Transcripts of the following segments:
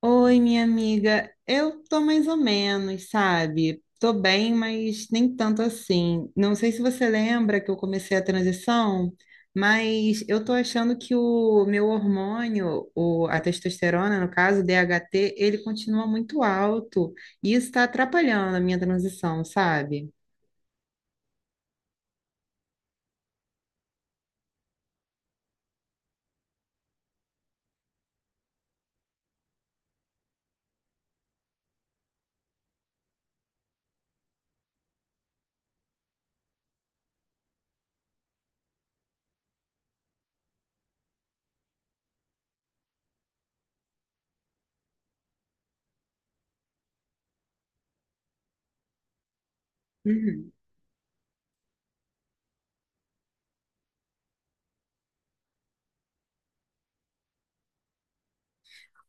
Oi, minha amiga. Eu tô mais ou menos, sabe? Tô bem, mas nem tanto assim. Não sei se você lembra que eu comecei a transição, mas eu tô achando que o meu hormônio, o, a testosterona, no caso, o DHT, ele continua muito alto e isso tá atrapalhando a minha transição, sabe?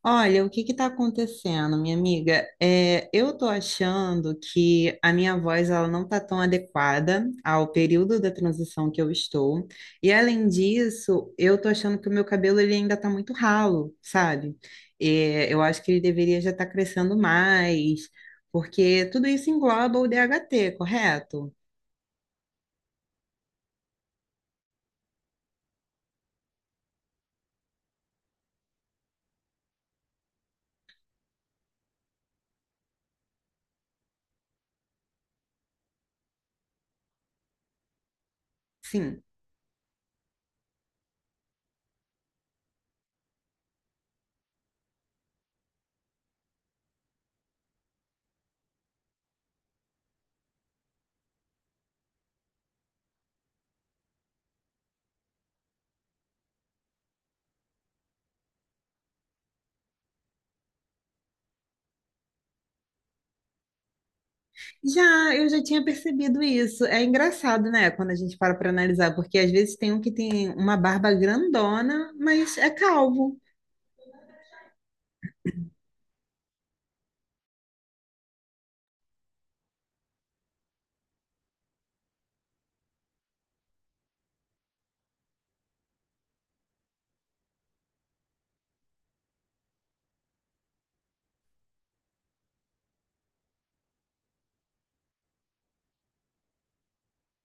Olha, o que está acontecendo, minha amiga? É, eu tô achando que a minha voz ela não tá tão adequada ao período da transição que eu estou. E além disso, eu tô achando que o meu cabelo ele ainda tá muito ralo, sabe? É, eu acho que ele deveria já estar crescendo mais, porque tudo isso engloba o DHT, correto? Sim. Já, eu já tinha percebido isso. É engraçado, né, quando a gente para para analisar, porque às vezes tem um que tem uma barba grandona, mas é calvo.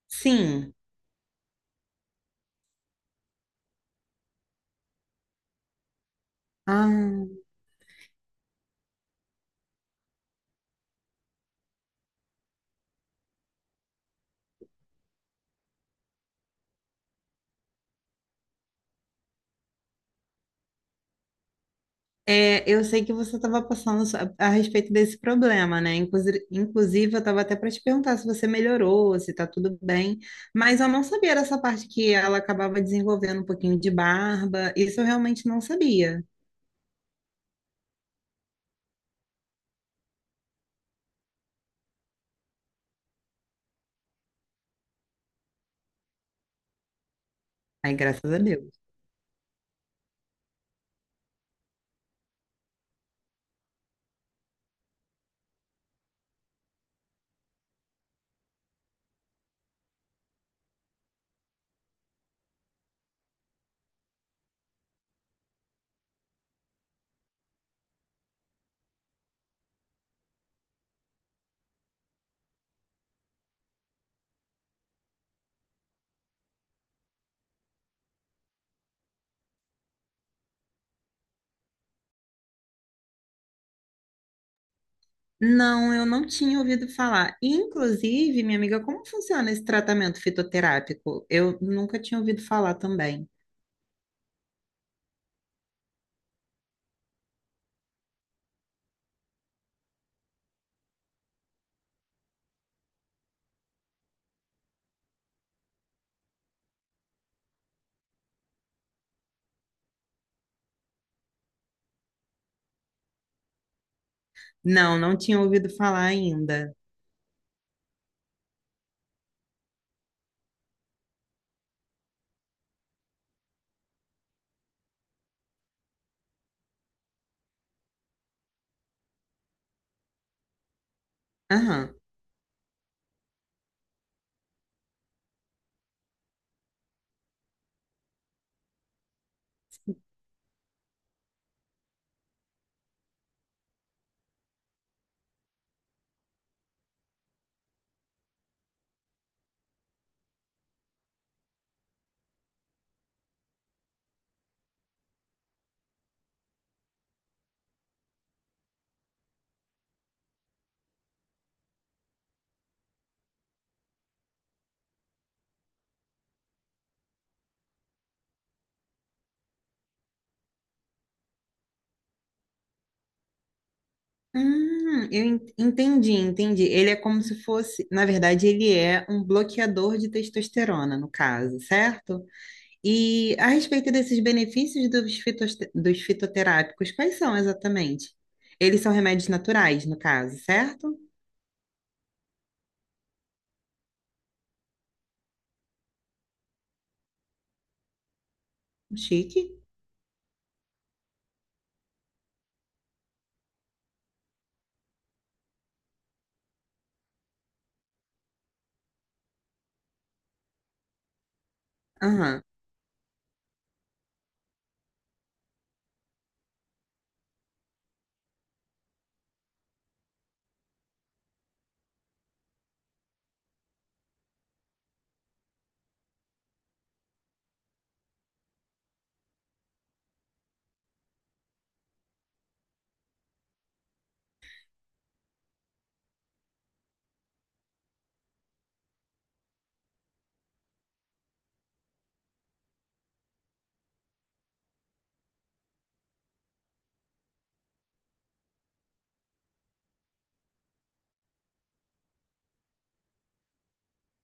Sim. Ah, é, eu sei que você estava a respeito desse problema, né? Inclusive, eu estava até para te perguntar se você melhorou, se está tudo bem, mas eu não sabia dessa parte que ela acabava desenvolvendo um pouquinho de barba. Isso eu realmente não sabia. Ai, graças a Deus. Não, eu não tinha ouvido falar. Inclusive, minha amiga, como funciona esse tratamento fitoterápico? Eu nunca tinha ouvido falar também. Não, não tinha ouvido falar ainda. Aham. Eu entendi, entendi. Ele é como se fosse, na verdade, ele é um bloqueador de testosterona, no caso, certo? E a respeito desses benefícios dos dos fitoterápicos, quais são exatamente? Eles são remédios naturais, no caso, certo? Chique. Aham.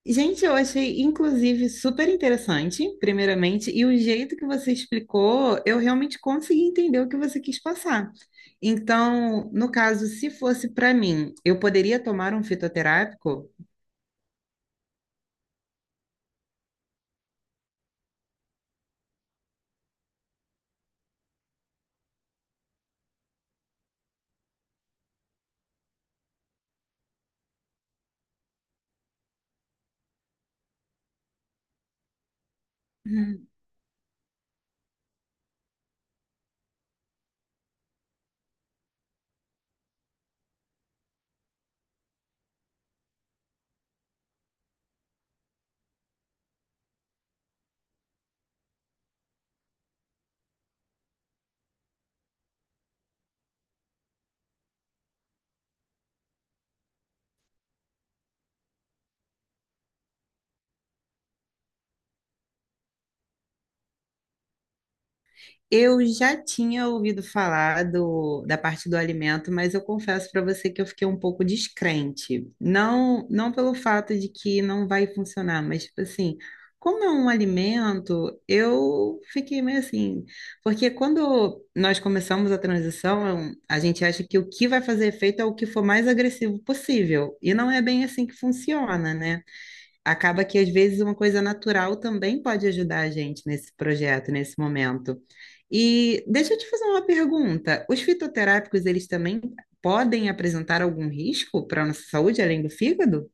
Gente, eu achei inclusive super interessante, primeiramente, e o jeito que você explicou, eu realmente consegui entender o que você quis passar. Então, no caso, se fosse para mim, eu poderia tomar um fitoterápico? Eu já tinha ouvido falar da parte do alimento, mas eu confesso para você que eu fiquei um pouco descrente. Não, não pelo fato de que não vai funcionar, mas tipo assim, como é um alimento, eu fiquei meio assim, porque quando nós começamos a transição, a gente acha que o que vai fazer efeito é o que for mais agressivo possível, e não é bem assim que funciona, né? Acaba que às vezes uma coisa natural também pode ajudar a gente nesse projeto, nesse momento. E deixa eu te fazer uma pergunta. Os fitoterápicos, eles também podem apresentar algum risco para a nossa saúde, além do fígado?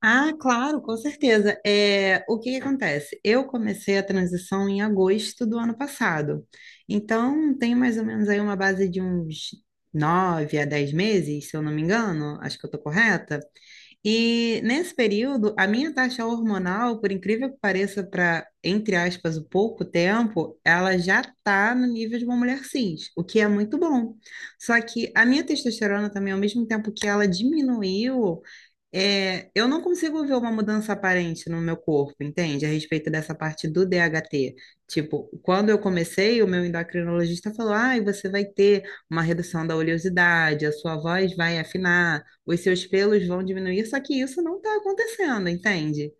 Ah, claro, com certeza. É, o que que acontece? Eu comecei a transição em agosto do ano passado. Então, tem mais ou menos aí uma base de uns nove a dez meses, se eu não me engano. Acho que eu estou correta. E nesse período, a minha taxa hormonal, por incrível que pareça, para, entre aspas, o pouco tempo, ela já está no nível de uma mulher cis, o que é muito bom. Só que a minha testosterona também, ao mesmo tempo que ela diminuiu, é, eu não consigo ver uma mudança aparente no meu corpo, entende? A respeito dessa parte do DHT. Tipo, quando eu comecei, o meu endocrinologista falou: ai, você vai ter uma redução da oleosidade, a sua voz vai afinar, os seus pelos vão diminuir, só que isso não está acontecendo, entende?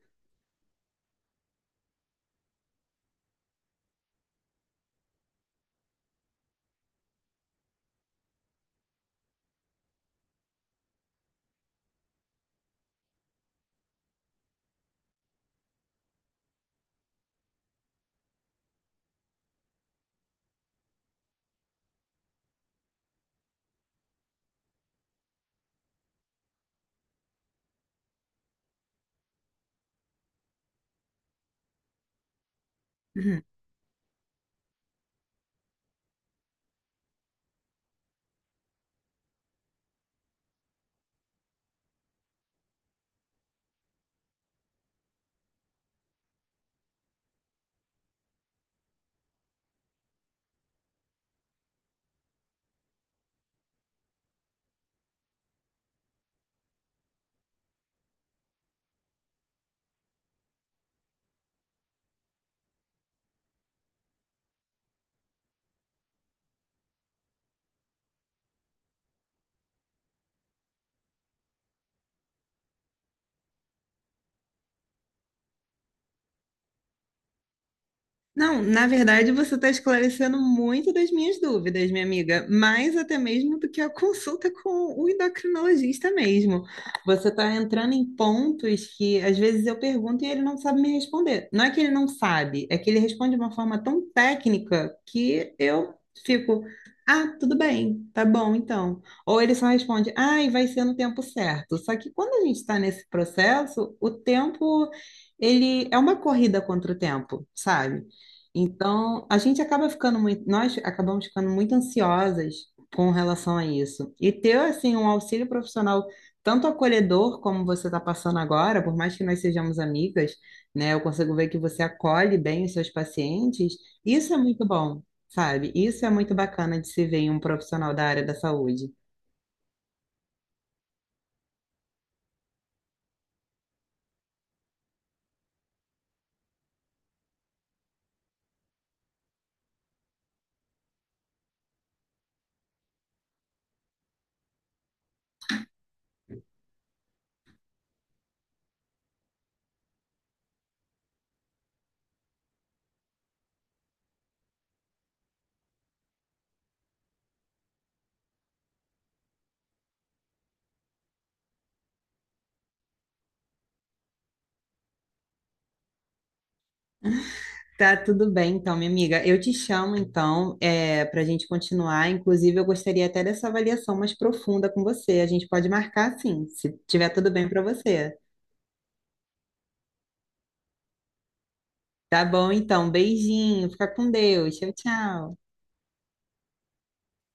Não, na verdade você está esclarecendo muito das minhas dúvidas, minha amiga, mais até mesmo do que a consulta com o endocrinologista mesmo. Você está entrando em pontos que às vezes eu pergunto e ele não sabe me responder. Não é que ele não sabe, é que ele responde de uma forma tão técnica que eu fico, ah, tudo bem, tá bom então. Ou ele só responde, ai, vai ser no tempo certo. Só que quando a gente está nesse processo, o tempo, ele é uma corrida contra o tempo, sabe? Então, a gente acaba ficando muito, nós acabamos ficando muito ansiosas com relação a isso. E ter, assim, um auxílio profissional tanto acolhedor como você está passando agora, por mais que nós sejamos amigas, né, eu consigo ver que você acolhe bem os seus pacientes, isso é muito bom, sabe? Isso é muito bacana de se ver em um profissional da área da saúde. Tá tudo bem, então, minha amiga. Eu te chamo, então, para a gente continuar. Inclusive, eu gostaria até dessa avaliação mais profunda com você. A gente pode marcar, sim, se tiver tudo bem para você. Tá bom, então. Beijinho. Fica com Deus. Tchau, tchau.